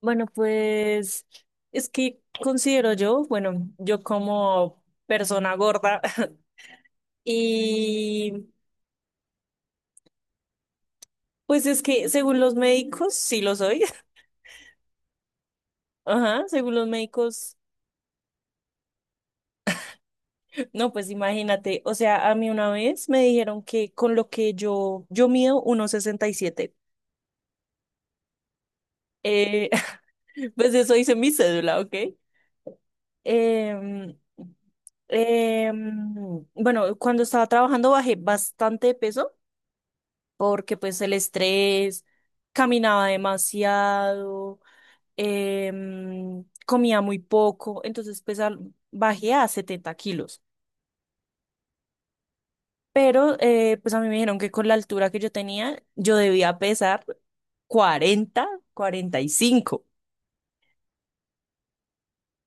Bueno, pues es que considero yo, bueno, yo como persona gorda y pues es que según los médicos, sí lo soy. Ajá, según los médicos. No, pues imagínate, o sea, a mí una vez me dijeron que con lo que yo mido 1,67. eh, pues eso dice mi cédula, ¿ok? Em, bueno, cuando estaba trabajando bajé bastante de peso porque pues el estrés, caminaba demasiado, comía muy poco, entonces pues bajé a 70 kilos. Pero pues a mí me dijeron que con la altura que yo tenía, yo debía pesar cuarenta 45.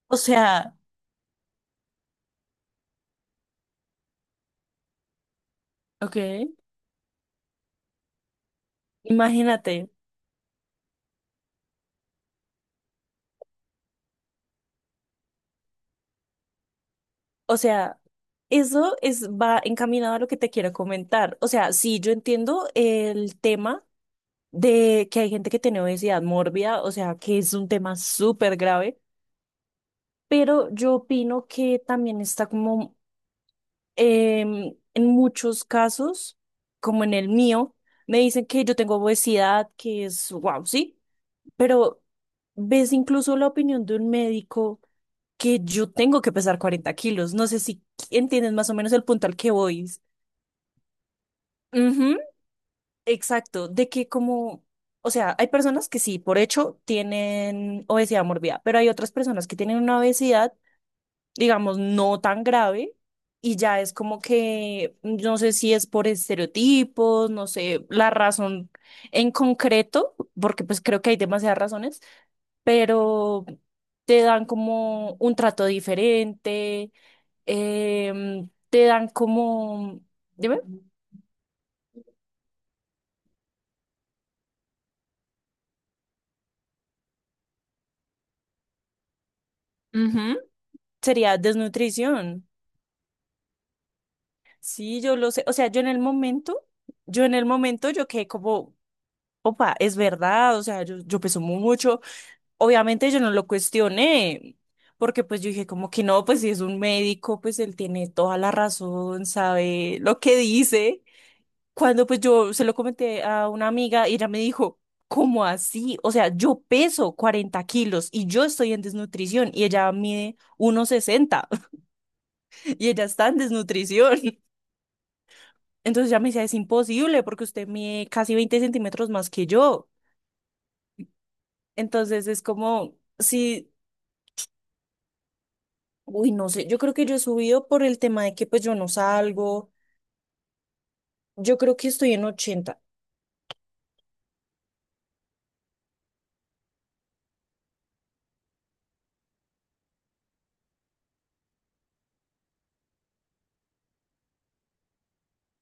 O sea, ok, imagínate, o sea, eso es, va encaminado a lo que te quiero comentar. O sea, sí, yo entiendo el tema de que hay gente que tiene obesidad mórbida, o sea, que es un tema súper grave, pero yo opino que también está como en muchos casos, como en el mío, me dicen que yo tengo obesidad, que es wow, sí, pero ves incluso la opinión de un médico que yo tengo que pesar 40 kilos, no sé si entiendes más o menos el punto al que voy. Ujú. Exacto, de que como, o sea, hay personas que sí, por hecho, tienen obesidad mórbida, pero hay otras personas que tienen una obesidad, digamos, no tan grave y ya es como que, yo no sé si es por estereotipos, no sé, la razón en concreto, porque pues creo que hay demasiadas razones, pero te dan como un trato diferente, te dan como, dime. Ujú. Sería desnutrición. Sí, yo lo sé. O sea, yo en el momento, yo quedé como, opa, es verdad, o sea, yo peso mucho. Obviamente yo no lo cuestioné, porque pues yo dije como que no, pues si es un médico, pues él tiene toda la razón, sabe lo que dice. Cuando pues yo se lo comenté a una amiga y ella me dijo, ¿cómo así? O sea, yo peso 40 kilos y yo estoy en desnutrición y ella mide 1,60. Y ella está en desnutrición. Entonces ya me decía, es imposible porque usted mide casi 20 centímetros más que yo. Entonces es como, sí, uy, no sé, yo creo que yo he subido por el tema de que pues yo no salgo, yo creo que estoy en 80.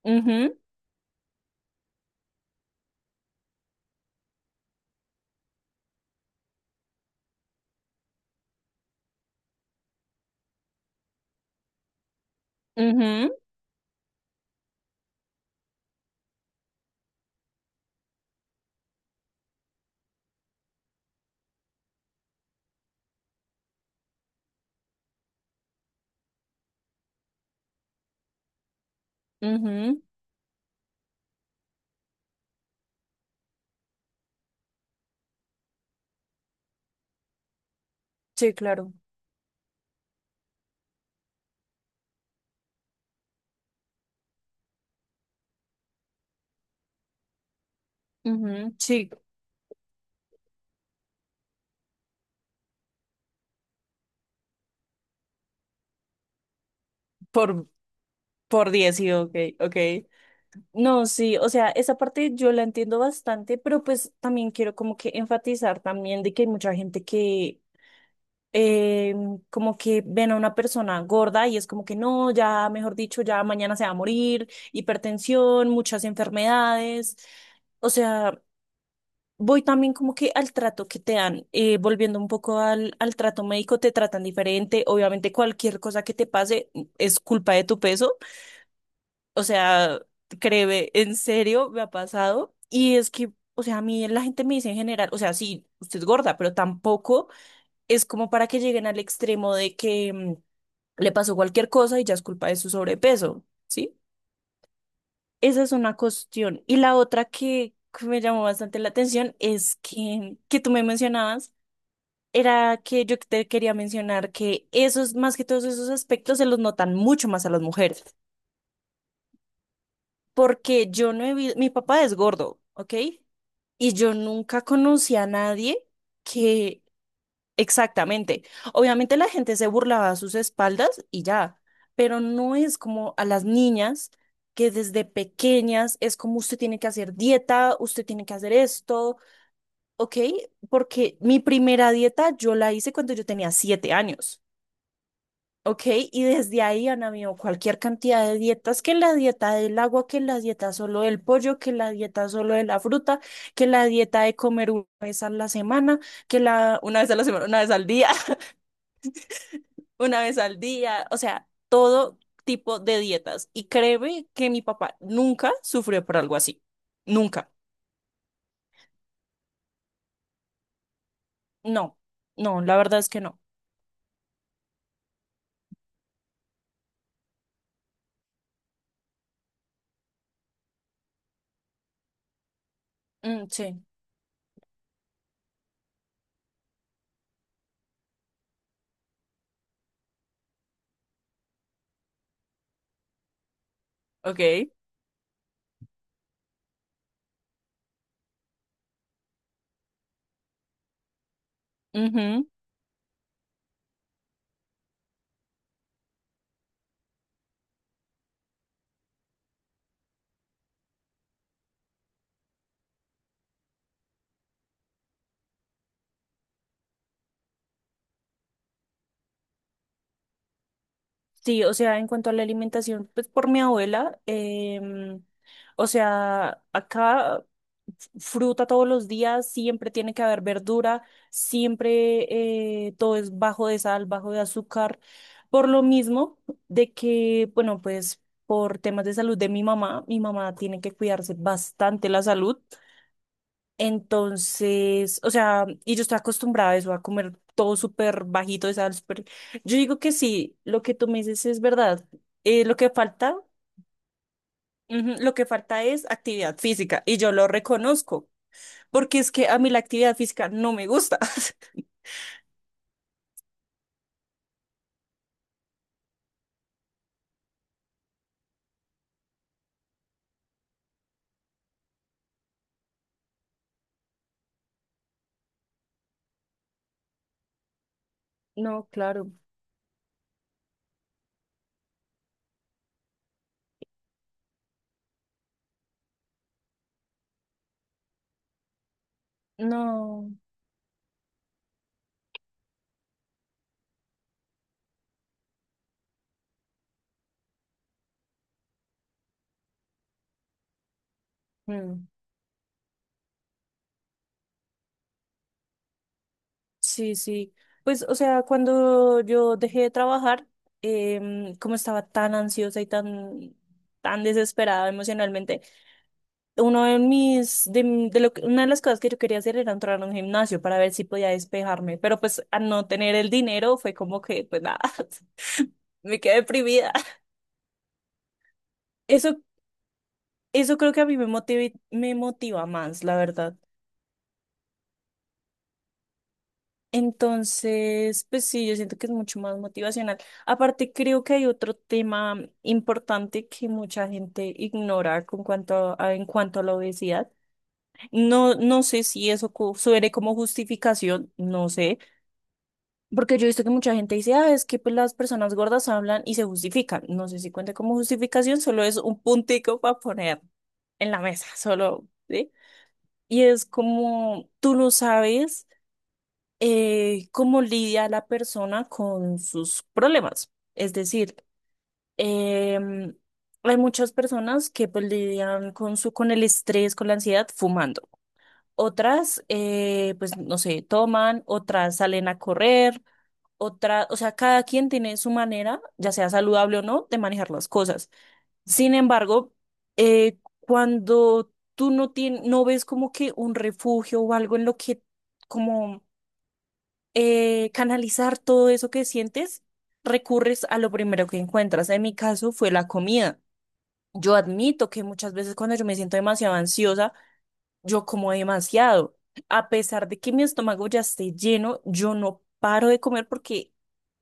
Ujú, ujú, ujú. Sí, claro. Ujú. Sí, por, por 10 sí, ok, ok. No, sí, o sea, esa parte yo la entiendo bastante, pero pues también quiero como que enfatizar también de que hay mucha gente que eh, como que ven a una persona gorda y es como que no, ya, mejor dicho, ya mañana se va a morir, hipertensión, muchas enfermedades. O sea, voy también como que al trato que te dan, volviendo un poco al, al trato médico, te tratan diferente. Obviamente cualquier cosa que te pase es culpa de tu peso. O sea, créeme, en serio, me ha pasado. Y es que, o sea, a mí la gente me dice en general, o sea, sí, usted es gorda, pero tampoco es como para que lleguen al extremo de que le pasó cualquier cosa y ya es culpa de su sobrepeso, ¿sí? Esa es una cuestión. Y la otra que me llamó bastante la atención es que tú me mencionabas, era que yo te quería mencionar que esos, más que todos esos aspectos, se los notan mucho más a las mujeres, porque yo no he visto, mi papá es gordo, ¿ok? Y yo nunca conocí a nadie que... Exactamente. Obviamente la gente se burlaba a sus espaldas y ya, pero no es como a las niñas que desde pequeñas es como usted tiene que hacer dieta, usted tiene que hacer esto, ¿ok? Porque mi primera dieta yo la hice cuando yo tenía 7 años, ¿ok? Y desde ahí han habido cualquier cantidad de dietas, que la dieta del agua, que la dieta solo del pollo, que la dieta solo de la fruta, que la dieta de comer una vez a la semana, que la una vez a la semana, una vez al día, una vez al día, o sea, todo tipo de dietas. Y créeme que mi papá nunca sufrió por algo así. Nunca. No, no, la verdad es que no. Mm, sí. Ok. Sí, o sea, en cuanto a la alimentación, pues por mi abuela, o sea, acá fruta todos los días, siempre tiene que haber verdura, siempre todo es bajo de sal, bajo de azúcar, por lo mismo de que, bueno, pues por temas de salud de mi mamá tiene que cuidarse bastante la salud. Entonces, o sea, y yo estoy acostumbrada a eso, a comer todo súper bajito de sal, súper... Yo digo que sí, lo que tú me dices es verdad. Lo que falta, ujú, lo que falta es actividad física y yo lo reconozco, porque es que a mí la actividad física no me gusta. No, claro, no. Mm. Sí, sí. Pues, o sea, cuando yo dejé de trabajar, como estaba tan ansiosa y tan desesperada emocionalmente, uno de mis, de lo que- una de las cosas que yo quería hacer era entrar a un gimnasio para ver si podía despejarme, pero pues al no tener el dinero fue como que, pues nada, me quedé deprimida. Eso, eso creo que a mí me motiva más, la verdad. Entonces, pues sí, yo siento que es mucho más motivacional. Aparte, creo que hay otro tema importante que mucha gente ignora en cuanto a la obesidad. No, no sé si eso suene como justificación, no sé. Porque yo he visto que mucha gente dice, ah, es que pues, las personas gordas hablan y se justifican. No sé si cuenta como justificación, solo es un puntico para poner en la mesa, solo, ¿sí? Y es como tú no sabes cómo lidia la persona con sus problemas. Es decir, em, hay muchas personas que pues lidian con su, con el estrés, con la ansiedad, fumando. Otras, pues no sé, toman, otras salen a correr, otra, o sea, cada quien tiene su manera, ya sea saludable o no, de manejar las cosas. Sin embargo, cuando tú no ves como que un refugio o algo en lo que como canalizar todo eso que sientes, recurres a lo primero que encuentras. En mi caso fue la comida. Yo admito que muchas veces cuando yo me siento demasiado ansiosa, yo como demasiado. A pesar de que mi estómago ya esté lleno, yo no paro de comer porque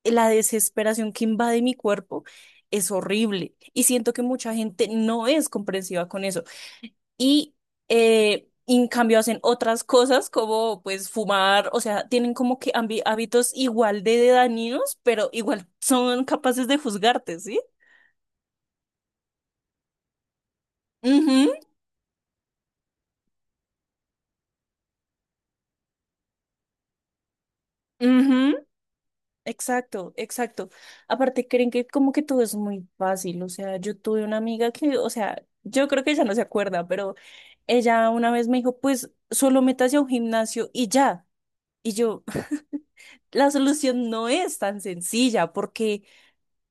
la desesperación que invade mi cuerpo es horrible. Y siento que mucha gente no es comprensiva con eso. Y en cambio hacen otras cosas como pues fumar, o sea, tienen como que hábitos igual de dañinos, pero igual son capaces de juzgarte, ¿sí? Ujú, ujú. Exacto, exacto. Aparte, creen que como que todo es muy fácil. O sea, yo tuve una amiga que, o sea, yo creo que ella no se acuerda, pero ella una vez me dijo, pues solo métase a un gimnasio y ya. Y yo, la solución no es tan sencilla porque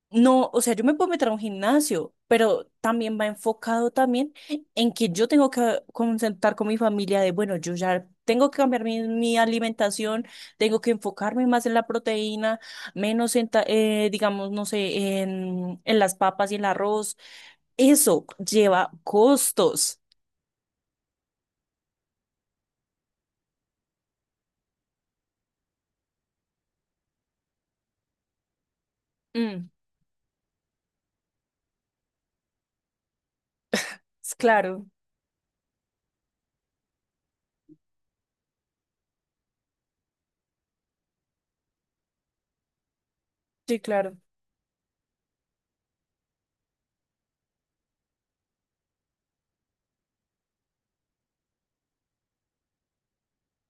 no, o sea, yo me puedo meter a un gimnasio, pero también va enfocado también en que yo tengo que concentrar con mi familia de, bueno, yo ya tengo que cambiar mi, mi alimentación, tengo que enfocarme más en la proteína, menos en, digamos, no sé, en las papas y el arroz. Eso lleva costos. Mm, claro, sí, claro,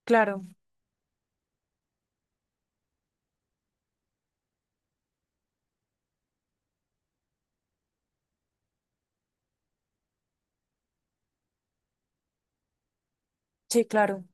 claro, sí, claro.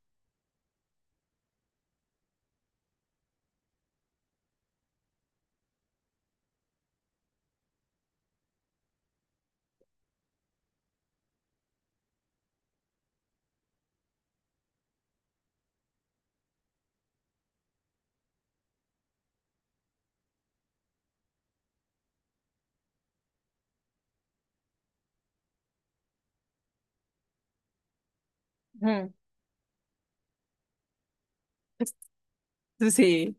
Mm. Sí.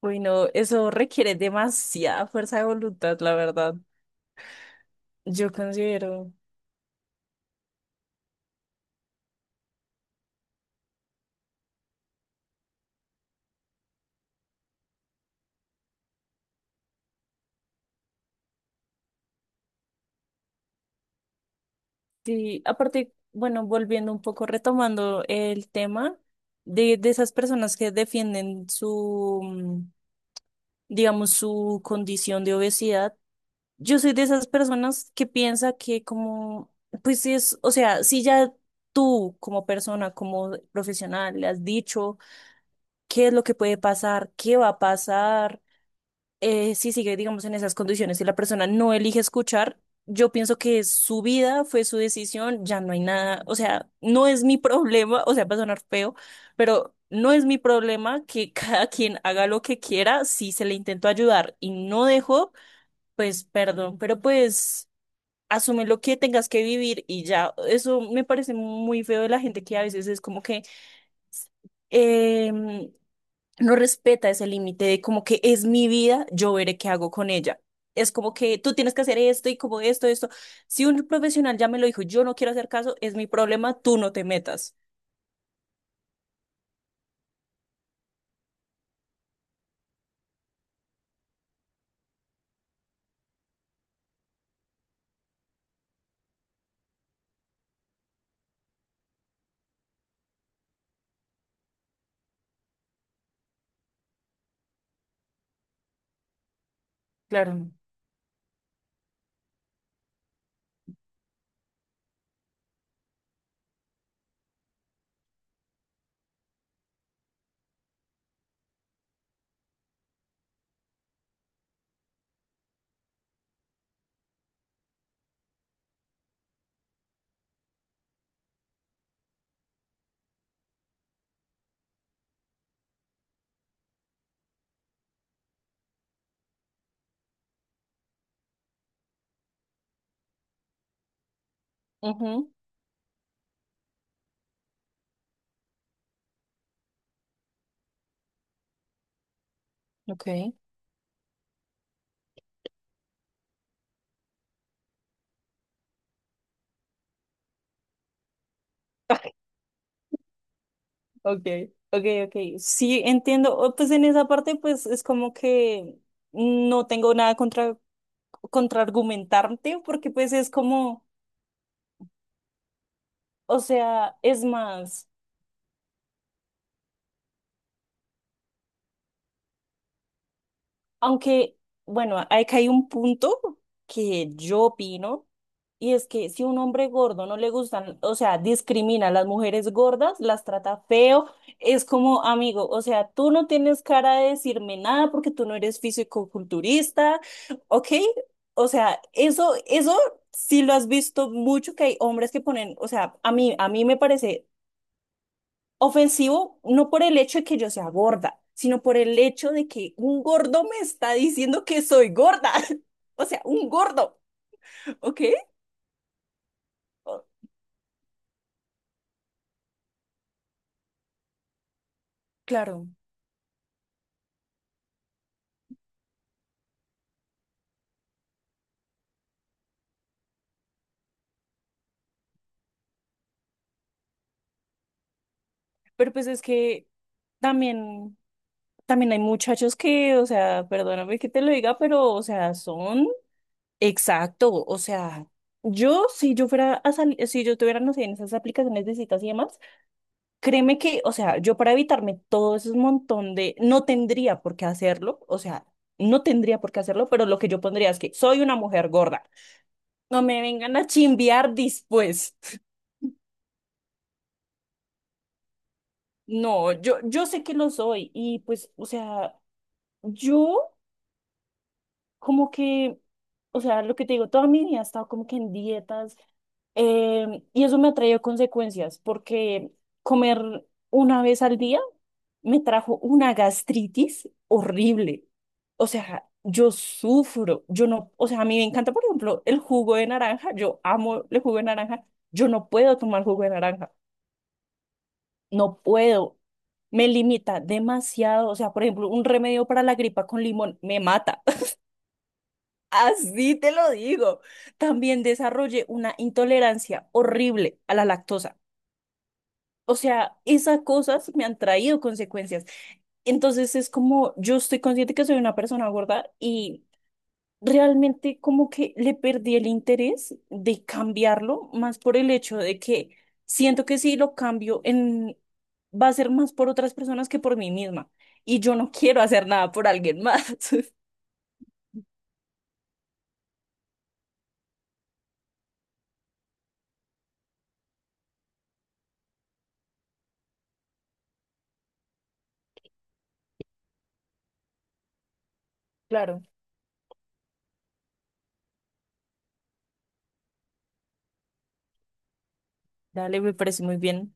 Bueno, eso requiere demasiada fuerza de voluntad, la verdad. Yo considero, sí, aparte, bueno, volviendo un poco, retomando el tema de esas personas que defienden su, digamos, su condición de obesidad, yo soy de esas personas que piensa que como, pues sí es, o sea, si ya tú como persona, como profesional, le has dicho qué es lo que puede pasar, qué va a pasar si sigue, digamos, en esas condiciones y la persona no elige escuchar, yo pienso que es su vida, fue su decisión, ya no hay nada, o sea, no es mi problema, o sea, va a sonar feo, pero no es mi problema que cada quien haga lo que quiera, si se le intentó ayudar y no dejó, pues perdón, pero pues asume lo que tengas que vivir y ya. Eso me parece muy feo de la gente que a veces es como que... em, no respeta ese límite de como que es mi vida, yo veré qué hago con ella. Es como que tú tienes que hacer esto y como esto, esto. Si un profesional ya me lo dijo, yo no quiero hacer caso, es mi problema, tú no te metas. Claro. Ujú, ok. Ok, ok, ok. Sí, entiendo. Pues en esa parte, pues es como que no tengo nada contra contraargumentarte, porque pues es como, o sea, es más, aunque, bueno, hay un punto que yo opino. Y es que si un hombre gordo no le gustan, o sea, discrimina a las mujeres gordas, las trata feo, es como amigo, o sea, tú no tienes cara de decirme nada porque tú no eres fisicoculturista, ¿ok? O sea, eso sí lo has visto mucho, que hay hombres que ponen, o sea, a mí me parece ofensivo no por el hecho de que yo sea gorda, sino por el hecho de que un gordo me está diciendo que soy gorda, o sea, un gordo, ¿ok? O... Claro. Pero pues es que también, también hay muchachos que, o sea, perdóname que te lo diga, pero, o sea, son... Exacto. O sea, yo, si yo fuera a salir, si yo tuviera, no sé, en esas aplicaciones de citas y demás, créeme que, o sea, yo para evitarme todo ese montón de, no tendría por qué hacerlo, o sea, no tendría por qué hacerlo, pero lo que yo pondría es que soy una mujer gorda. No me vengan a chimbear después. No, yo sé que lo soy y pues, o sea, yo... Como que, o sea, lo que te digo, toda mi vida he estado como que en dietas, y eso me ha traído consecuencias porque comer una vez al día me trajo una gastritis horrible. O sea, yo sufro, yo no, o sea, a mí me encanta, por ejemplo, el jugo de naranja, yo amo el jugo de naranja, yo no puedo tomar jugo de naranja, no puedo, me limita demasiado, o sea, por ejemplo, un remedio para la gripa con limón me mata. Así te lo digo. También desarrollé una intolerancia horrible a la lactosa. O sea, esas cosas me han traído consecuencias. Entonces es como yo estoy consciente que soy una persona gorda y realmente como que le perdí el interés de cambiarlo, más por el hecho de que siento que si lo cambio en va a ser más por otras personas que por mí misma y yo no quiero hacer nada por alguien más. Claro, dale, me parece muy bien.